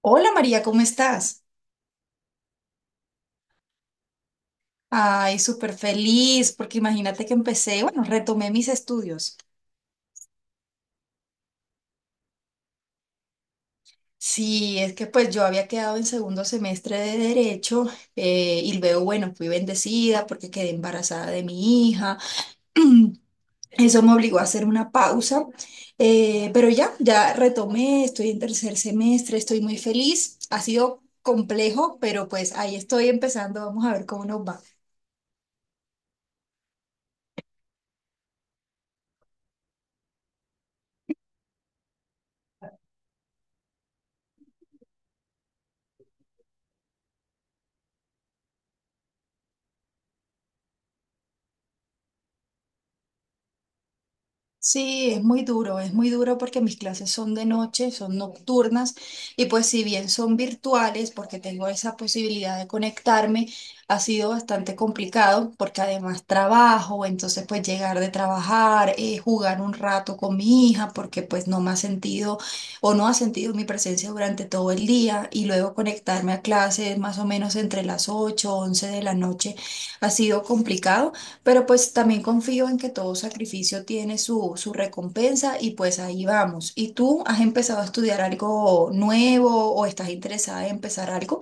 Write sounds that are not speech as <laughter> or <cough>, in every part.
Hola María, ¿cómo estás? Ay, súper feliz, porque imagínate que empecé, bueno, retomé mis estudios. Sí, es que pues yo había quedado en segundo semestre de Derecho, y luego, bueno, fui bendecida porque quedé embarazada de mi hija. <clears throat> Eso me obligó a hacer una pausa, pero ya retomé, estoy en tercer semestre, estoy muy feliz. Ha sido complejo, pero pues ahí estoy empezando, vamos a ver cómo nos va. Sí, es muy duro porque mis clases son de noche, son nocturnas, y pues si bien son virtuales porque tengo esa posibilidad de conectarme, ha sido bastante complicado porque además trabajo. Entonces pues llegar de trabajar, jugar un rato con mi hija porque pues no me ha sentido o no ha sentido mi presencia durante todo el día, y luego conectarme a clases más o menos entre las 8 o 11 de la noche, ha sido complicado. Pero pues también confío en que todo sacrificio tiene su recompensa y pues ahí vamos. ¿Y tú has empezado a estudiar algo nuevo o estás interesada en empezar algo?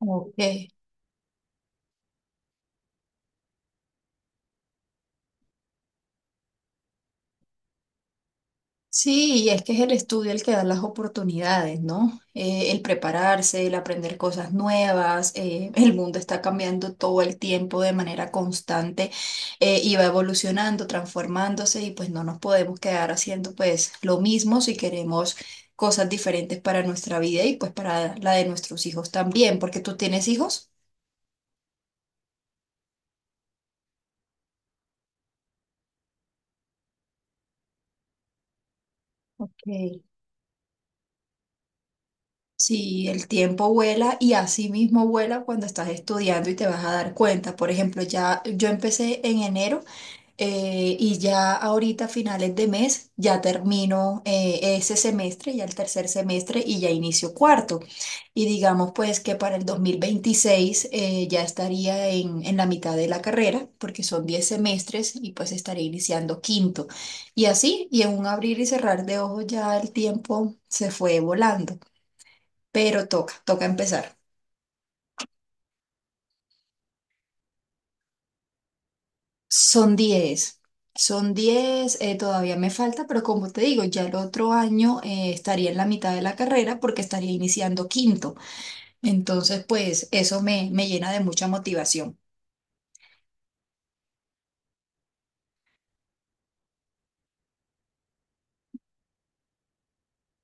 Ok. Sí, y es que es el estudio el que da las oportunidades, ¿no? El prepararse, el aprender cosas nuevas, el mundo está cambiando todo el tiempo de manera constante, y va evolucionando, transformándose, y pues no nos podemos quedar haciendo pues lo mismo si queremos cosas diferentes para nuestra vida y pues para la de nuestros hijos también, porque tú tienes hijos. Sí, el tiempo vuela y así mismo vuela cuando estás estudiando y te vas a dar cuenta. Por ejemplo, ya yo empecé en enero, y ya ahorita a finales de mes ya termino ese semestre, ya el tercer semestre y ya inicio cuarto. Y digamos pues que para el 2026, ya estaría en la mitad de la carrera porque son 10 semestres y pues estaré iniciando quinto. Y así, y en un abrir y cerrar de ojos ya el tiempo se fue volando, pero toca, toca empezar. Son 10, son 10. Todavía me falta, pero como te digo, ya el otro año, estaría en la mitad de la carrera porque estaría iniciando quinto. Entonces, pues eso me llena de mucha motivación.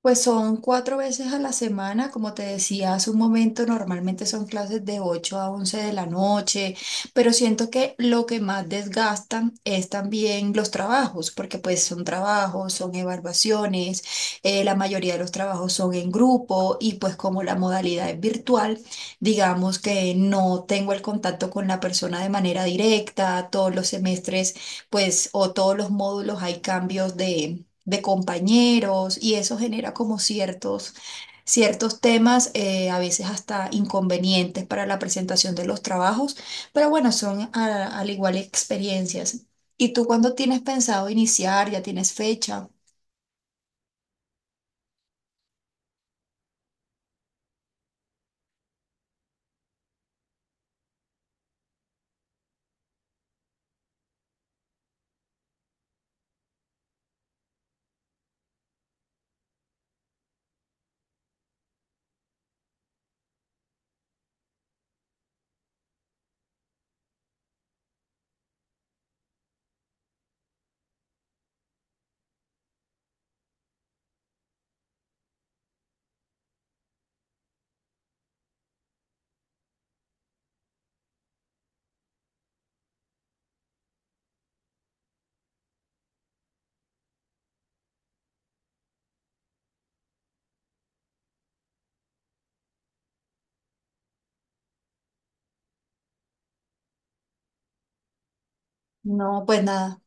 Pues son cuatro veces a la semana, como te decía hace un momento, normalmente son clases de 8 a 11 de la noche, pero siento que lo que más desgastan es también los trabajos, porque pues son trabajos, son evaluaciones. Eh, la mayoría de los trabajos son en grupo y pues como la modalidad es virtual, digamos que no tengo el contacto con la persona de manera directa. Todos los semestres pues, o todos los módulos, hay cambios de compañeros, y eso genera como ciertos temas, a veces hasta inconvenientes para la presentación de los trabajos, pero bueno, son al igual experiencias. ¿Y tú cuándo tienes pensado iniciar? ¿Ya tienes fecha? No, pues nada.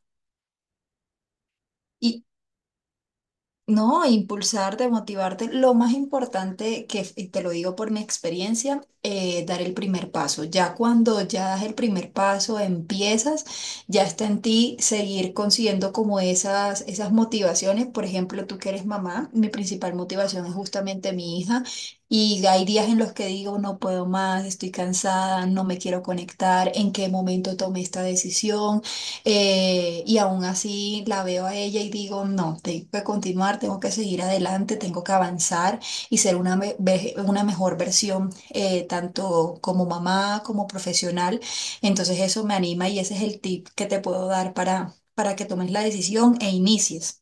No, impulsarte, motivarte. Lo más importante, que y te lo digo por mi experiencia, dar el primer paso. Ya cuando ya das el primer paso, empiezas, ya está en ti seguir consiguiendo como esas motivaciones. Por ejemplo, tú que eres mamá, mi principal motivación es justamente mi hija. Y hay días en los que digo, no puedo más, estoy cansada, no me quiero conectar, en qué momento tomé esta decisión, y aún así la veo a ella y digo, no, tengo que continuar, tengo que seguir adelante, tengo que avanzar y ser una, una mejor versión, tanto como mamá como profesional. Entonces eso me anima y ese es el tip que te puedo dar para que tomes la decisión e inicies.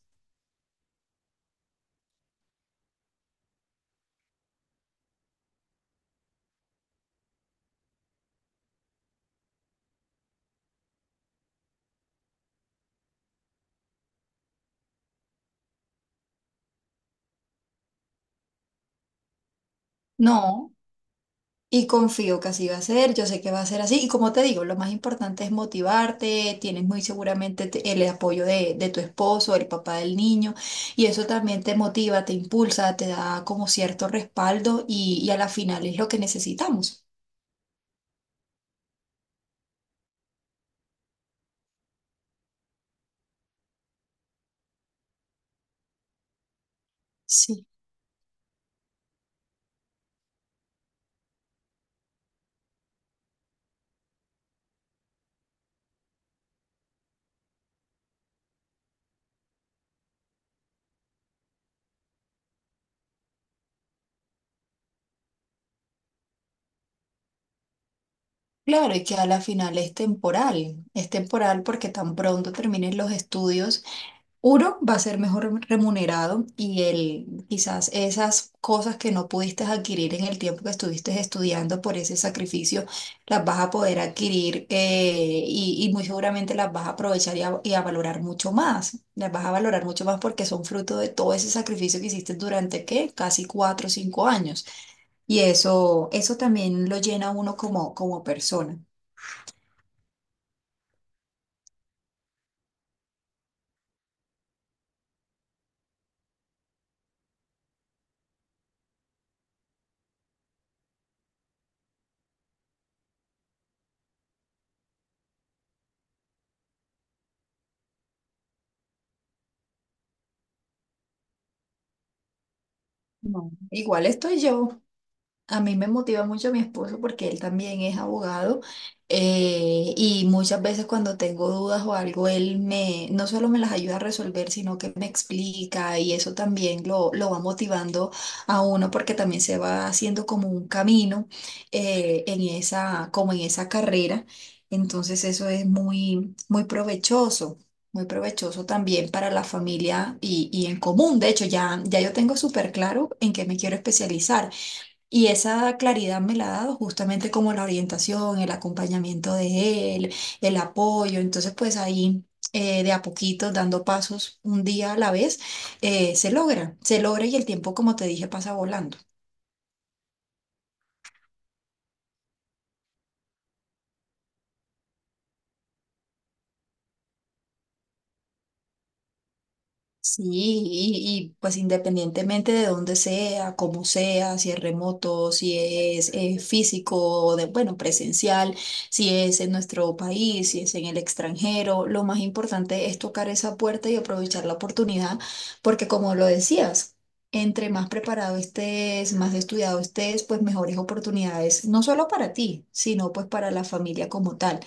No. Y confío que así va a ser, yo sé que va a ser así. Y como te digo, lo más importante es motivarte, tienes muy seguramente el apoyo de tu esposo, el papá del niño, y eso también te motiva, te impulsa, te da como cierto respaldo y a la final es lo que necesitamos. Sí. Claro, y que a la final es temporal porque tan pronto termines los estudios. Uno va a ser mejor remunerado y el, quizás esas cosas que no pudiste adquirir en el tiempo que estuviste estudiando por ese sacrificio, las vas a poder adquirir, y muy seguramente las vas a aprovechar y a valorar mucho más. Las vas a valorar mucho más porque son fruto de todo ese sacrificio que hiciste durante, ¿qué? Casi 4 o 5 años. Y eso también lo llena a uno como, como persona. No, igual estoy yo. A mí me motiva mucho mi esposo porque él también es abogado, y muchas veces cuando tengo dudas o algo, él me, no solo me las ayuda a resolver, sino que me explica, y eso también lo va motivando a uno porque también se va haciendo como un camino, en esa, como en esa carrera. Entonces eso es muy, muy provechoso. Muy provechoso también para la familia y en común. De hecho, ya yo tengo súper claro en qué me quiero especializar. Y esa claridad me la ha dado justamente como la orientación, el acompañamiento de él, el apoyo. Entonces, pues ahí, de a poquito, dando pasos un día a la vez, se logra, se logra, y el tiempo, como te dije, pasa volando. Sí, y, pues independientemente de dónde sea, cómo sea, si es remoto, si es físico, o de, bueno, presencial, si es en nuestro país, si es en el extranjero, lo más importante es tocar esa puerta y aprovechar la oportunidad, porque como lo decías, entre más preparado estés, más estudiado estés, pues mejores oportunidades, no solo para ti, sino pues para la familia como tal.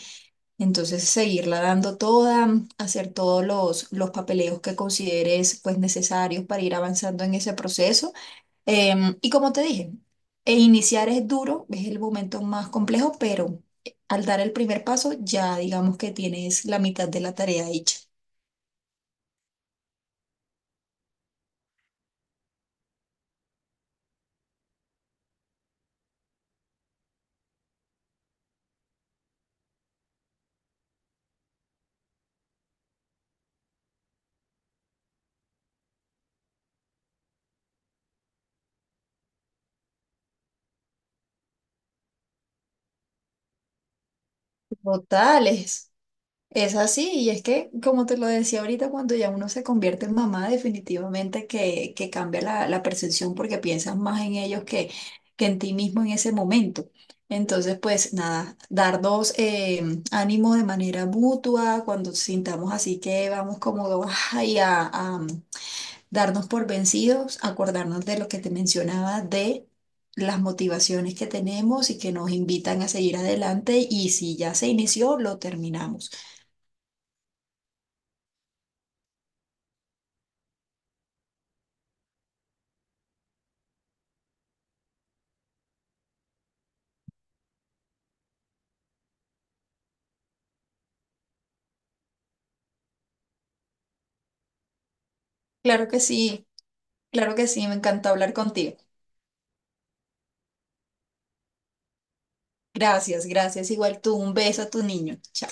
Entonces, seguirla dando toda, hacer todos los papeleos que consideres pues necesarios para ir avanzando en ese proceso. Y como te dije, e iniciar es duro, es el momento más complejo, pero al dar el primer paso ya digamos que tienes la mitad de la tarea hecha. Totales. Es así, y es que, como te lo decía ahorita, cuando ya uno se convierte en mamá, definitivamente que cambia la percepción porque piensas más en ellos que en ti mismo en ese momento. Entonces, pues nada, darnos ánimo de manera mutua, cuando sintamos así que vamos como ay, darnos por vencidos, acordarnos de lo que te mencionaba de las motivaciones que tenemos y que nos invitan a seguir adelante, y si ya se inició, lo terminamos. Claro que sí, claro que sí, me encantó hablar contigo. Gracias, gracias. Igual tú, un beso a tu niño. Chao.